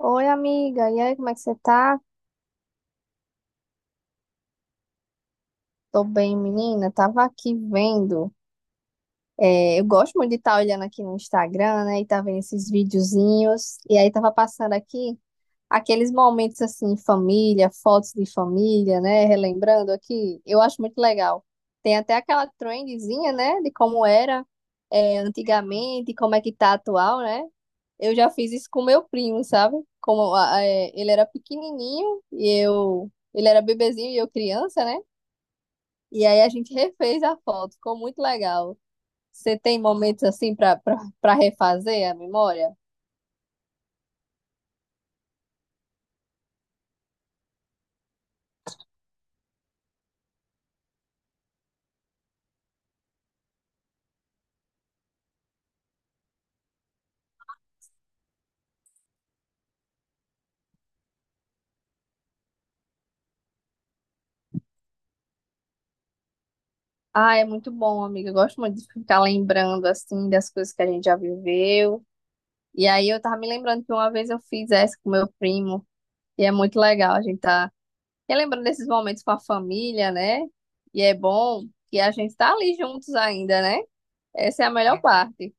Oi, amiga. E aí, como é que você tá? Tô bem, menina. Tava aqui vendo. Eu gosto muito de estar olhando aqui no Instagram, né? E tá vendo esses videozinhos. E aí, tava passando aqui. Aqueles momentos assim, família, fotos de família, né? Relembrando aqui, eu acho muito legal. Tem até aquela trendzinha, né? De como era antigamente, como é que tá atual, né? Eu já fiz isso com meu primo, sabe? Ele era pequenininho e eu, ele era bebezinho e eu criança, né? E aí a gente refez a foto, ficou muito legal. Você tem momentos assim para para refazer a memória? Ah, é muito bom, amiga. Eu gosto muito de ficar lembrando, assim, das coisas que a gente já viveu. E aí eu tava me lembrando que uma vez eu fiz essa com meu primo. E é muito legal a gente tá relembrando desses momentos com a família, né? E é bom que a gente tá ali juntos ainda, né? Essa é a melhor parte.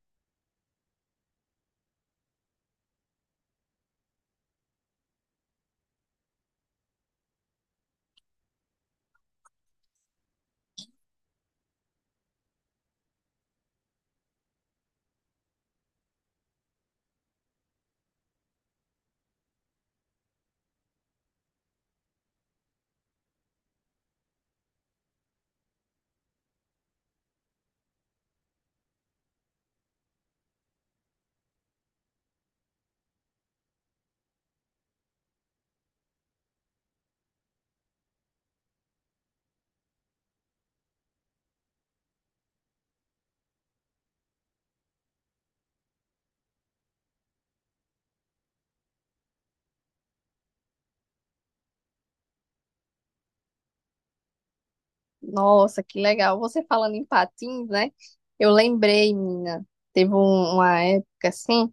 Nossa, que legal. Você falando em patins, né? Eu lembrei, menina. Teve uma época, assim,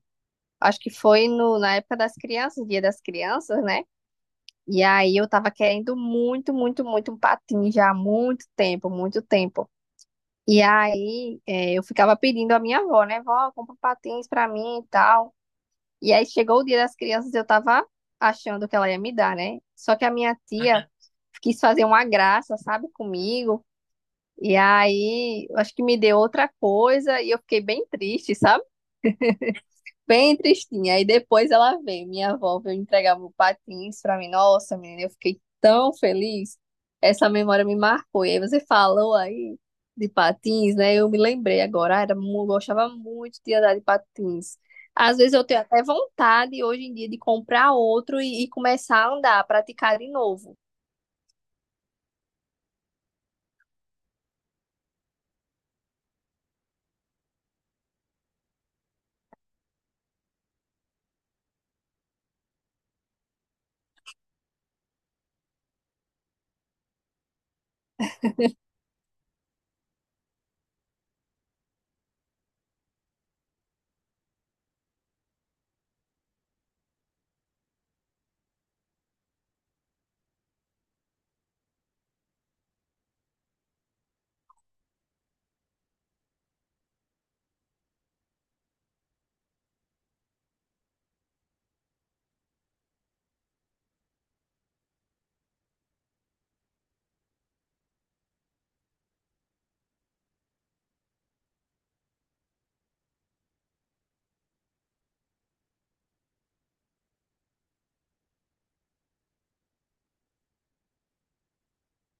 acho que foi no, na época das crianças, Dia das Crianças, né? E aí eu tava querendo muito, muito, muito um patinho já há muito tempo, muito tempo. E aí eu ficava pedindo à minha avó, né? Vó, compra um patins pra mim e tal. E aí chegou o dia das crianças, eu tava achando que ela ia me dar, né? Só que a minha tia quis fazer uma graça, sabe, comigo. E aí, eu acho que me deu outra coisa e eu fiquei bem triste, sabe? Bem tristinha. Aí depois ela vem, minha avó veio entregar meu patins pra mim. Nossa, menina, eu fiquei tão feliz. Essa memória me marcou. E aí você falou aí de patins, né? Eu me lembrei agora. Ah, era, gostava muito de andar de patins. Às vezes eu tenho até vontade hoje em dia de comprar outro e começar a andar, a praticar de novo.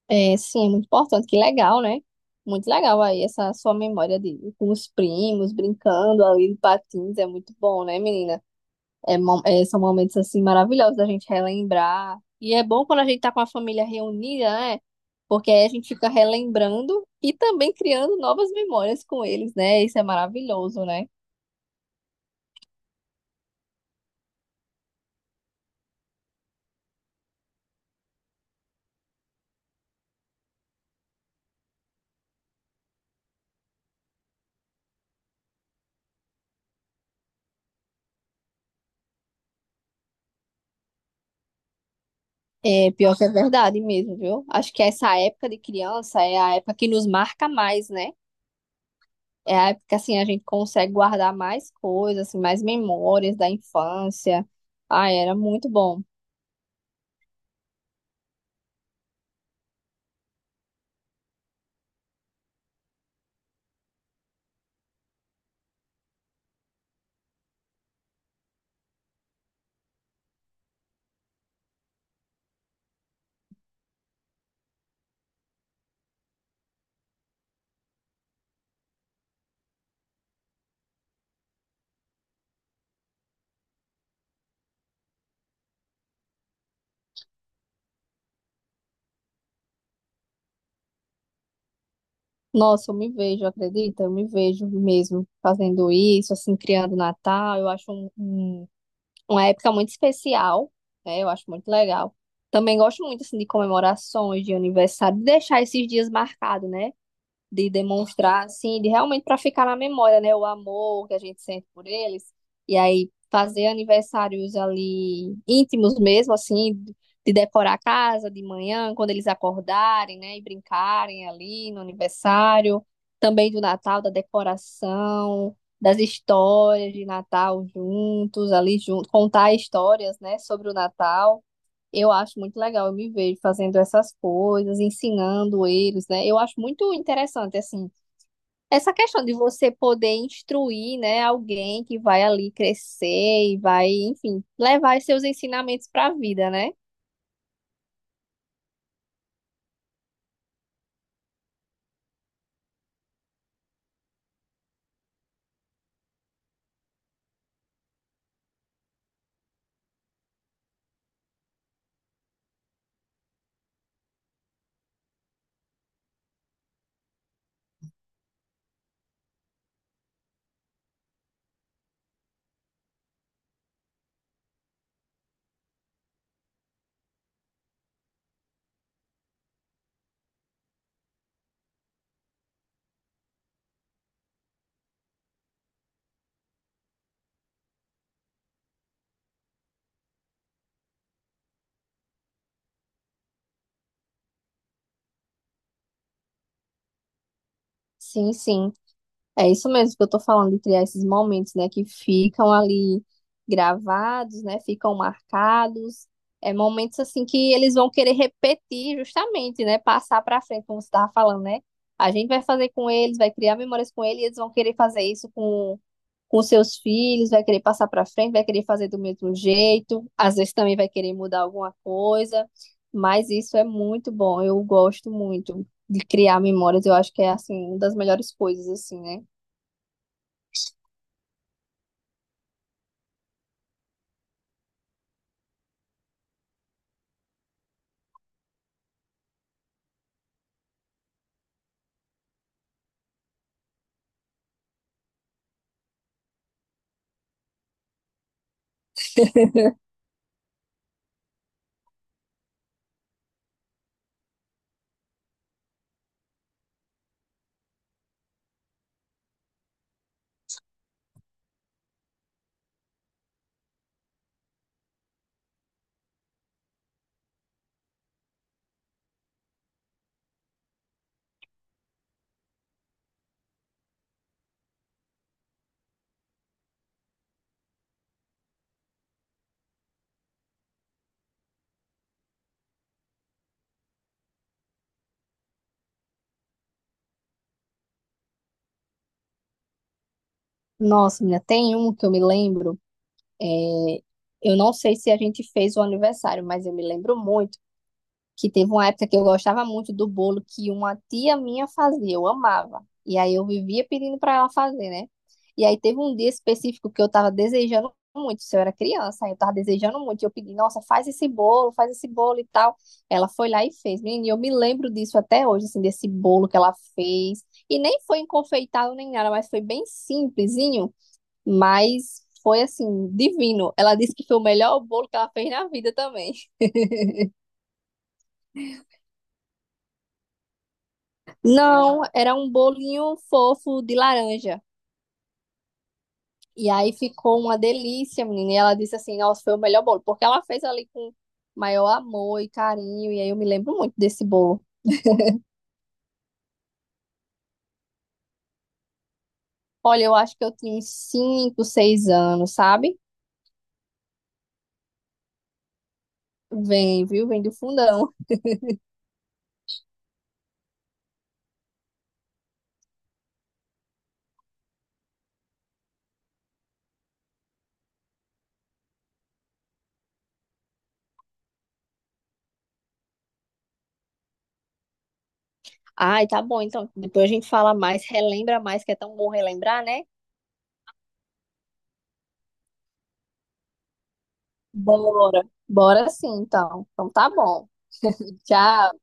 É, sim, é muito importante. Que legal, né? Muito legal aí essa sua memória de com os primos brincando ali de patins. É muito bom, né, menina? São momentos assim maravilhosos da gente relembrar. E é bom quando a gente tá com a família reunida, né? Porque aí a gente fica relembrando e também criando novas memórias com eles, né? Isso é maravilhoso, né? É pior que é verdade mesmo, viu? Acho que essa época de criança é a época que nos marca mais, né? É a época que assim a gente consegue guardar mais coisas, assim, mais memórias da infância. Ah, era muito bom. Nossa, eu me vejo, acredita? Eu me vejo mesmo fazendo isso, assim, criando Natal. Eu acho uma época muito especial, né? Eu acho muito legal. Também gosto muito, assim, de comemorações, de aniversário, de deixar esses dias marcados, né? De demonstrar, assim, de realmente para ficar na memória, né? O amor que a gente sente por eles. E aí fazer aniversários ali íntimos mesmo, assim, de decorar a casa de manhã, quando eles acordarem, né? E brincarem ali no aniversário. Também do Natal, da decoração, das histórias de Natal juntos, ali junto, contar histórias, né? Sobre o Natal. Eu acho muito legal, eu me vejo fazendo essas coisas, ensinando eles, né? Eu acho muito interessante, assim, essa questão de você poder instruir, né, alguém que vai ali crescer e vai, enfim, levar esses seus ensinamentos para a vida, né? Sim, sim. É isso mesmo que eu tô falando, de criar esses momentos, né, que ficam ali gravados, né, ficam marcados. É momentos assim que eles vão querer repetir justamente, né, passar para frente, como você estava falando, né? A gente vai fazer com eles, vai criar memórias com eles, e eles vão querer fazer isso com seus filhos, vai querer passar para frente, vai querer fazer do mesmo jeito, às vezes também vai querer mudar alguma coisa, mas isso é muito bom. Eu gosto muito de criar memórias, eu acho que é assim, uma das melhores coisas assim, né? Nossa, menina, tem um que eu me lembro. é, eu não sei se a gente fez o aniversário, mas eu me lembro muito que teve uma época que eu gostava muito do bolo que uma tia minha fazia, eu amava. E aí eu vivia pedindo para ela fazer, né? E aí teve um dia específico que eu tava desejando muito, se eu era criança, eu tava desejando muito. E eu pedi, nossa, faz esse bolo e tal. Ela foi lá e fez. Menina, e eu me lembro disso até hoje, assim, desse bolo que ela fez. E nem foi enfeitado nem nada, mas foi bem simplesinho. Mas foi assim, divino. Ela disse que foi o melhor bolo que ela fez na vida também. Não, era um bolinho fofo de laranja. E aí ficou uma delícia, menina. E ela disse assim: nossa, foi o melhor bolo. Porque ela fez ali com maior amor e carinho. E aí eu me lembro muito desse bolo. Olha, eu acho que eu tinha uns 5, 6 anos, sabe? Vem, viu? Vem do fundão. Ai, tá bom. Então, depois a gente fala mais, relembra mais, que é tão bom relembrar, né? Bora. Bora sim, então. Então tá bom. Tchau.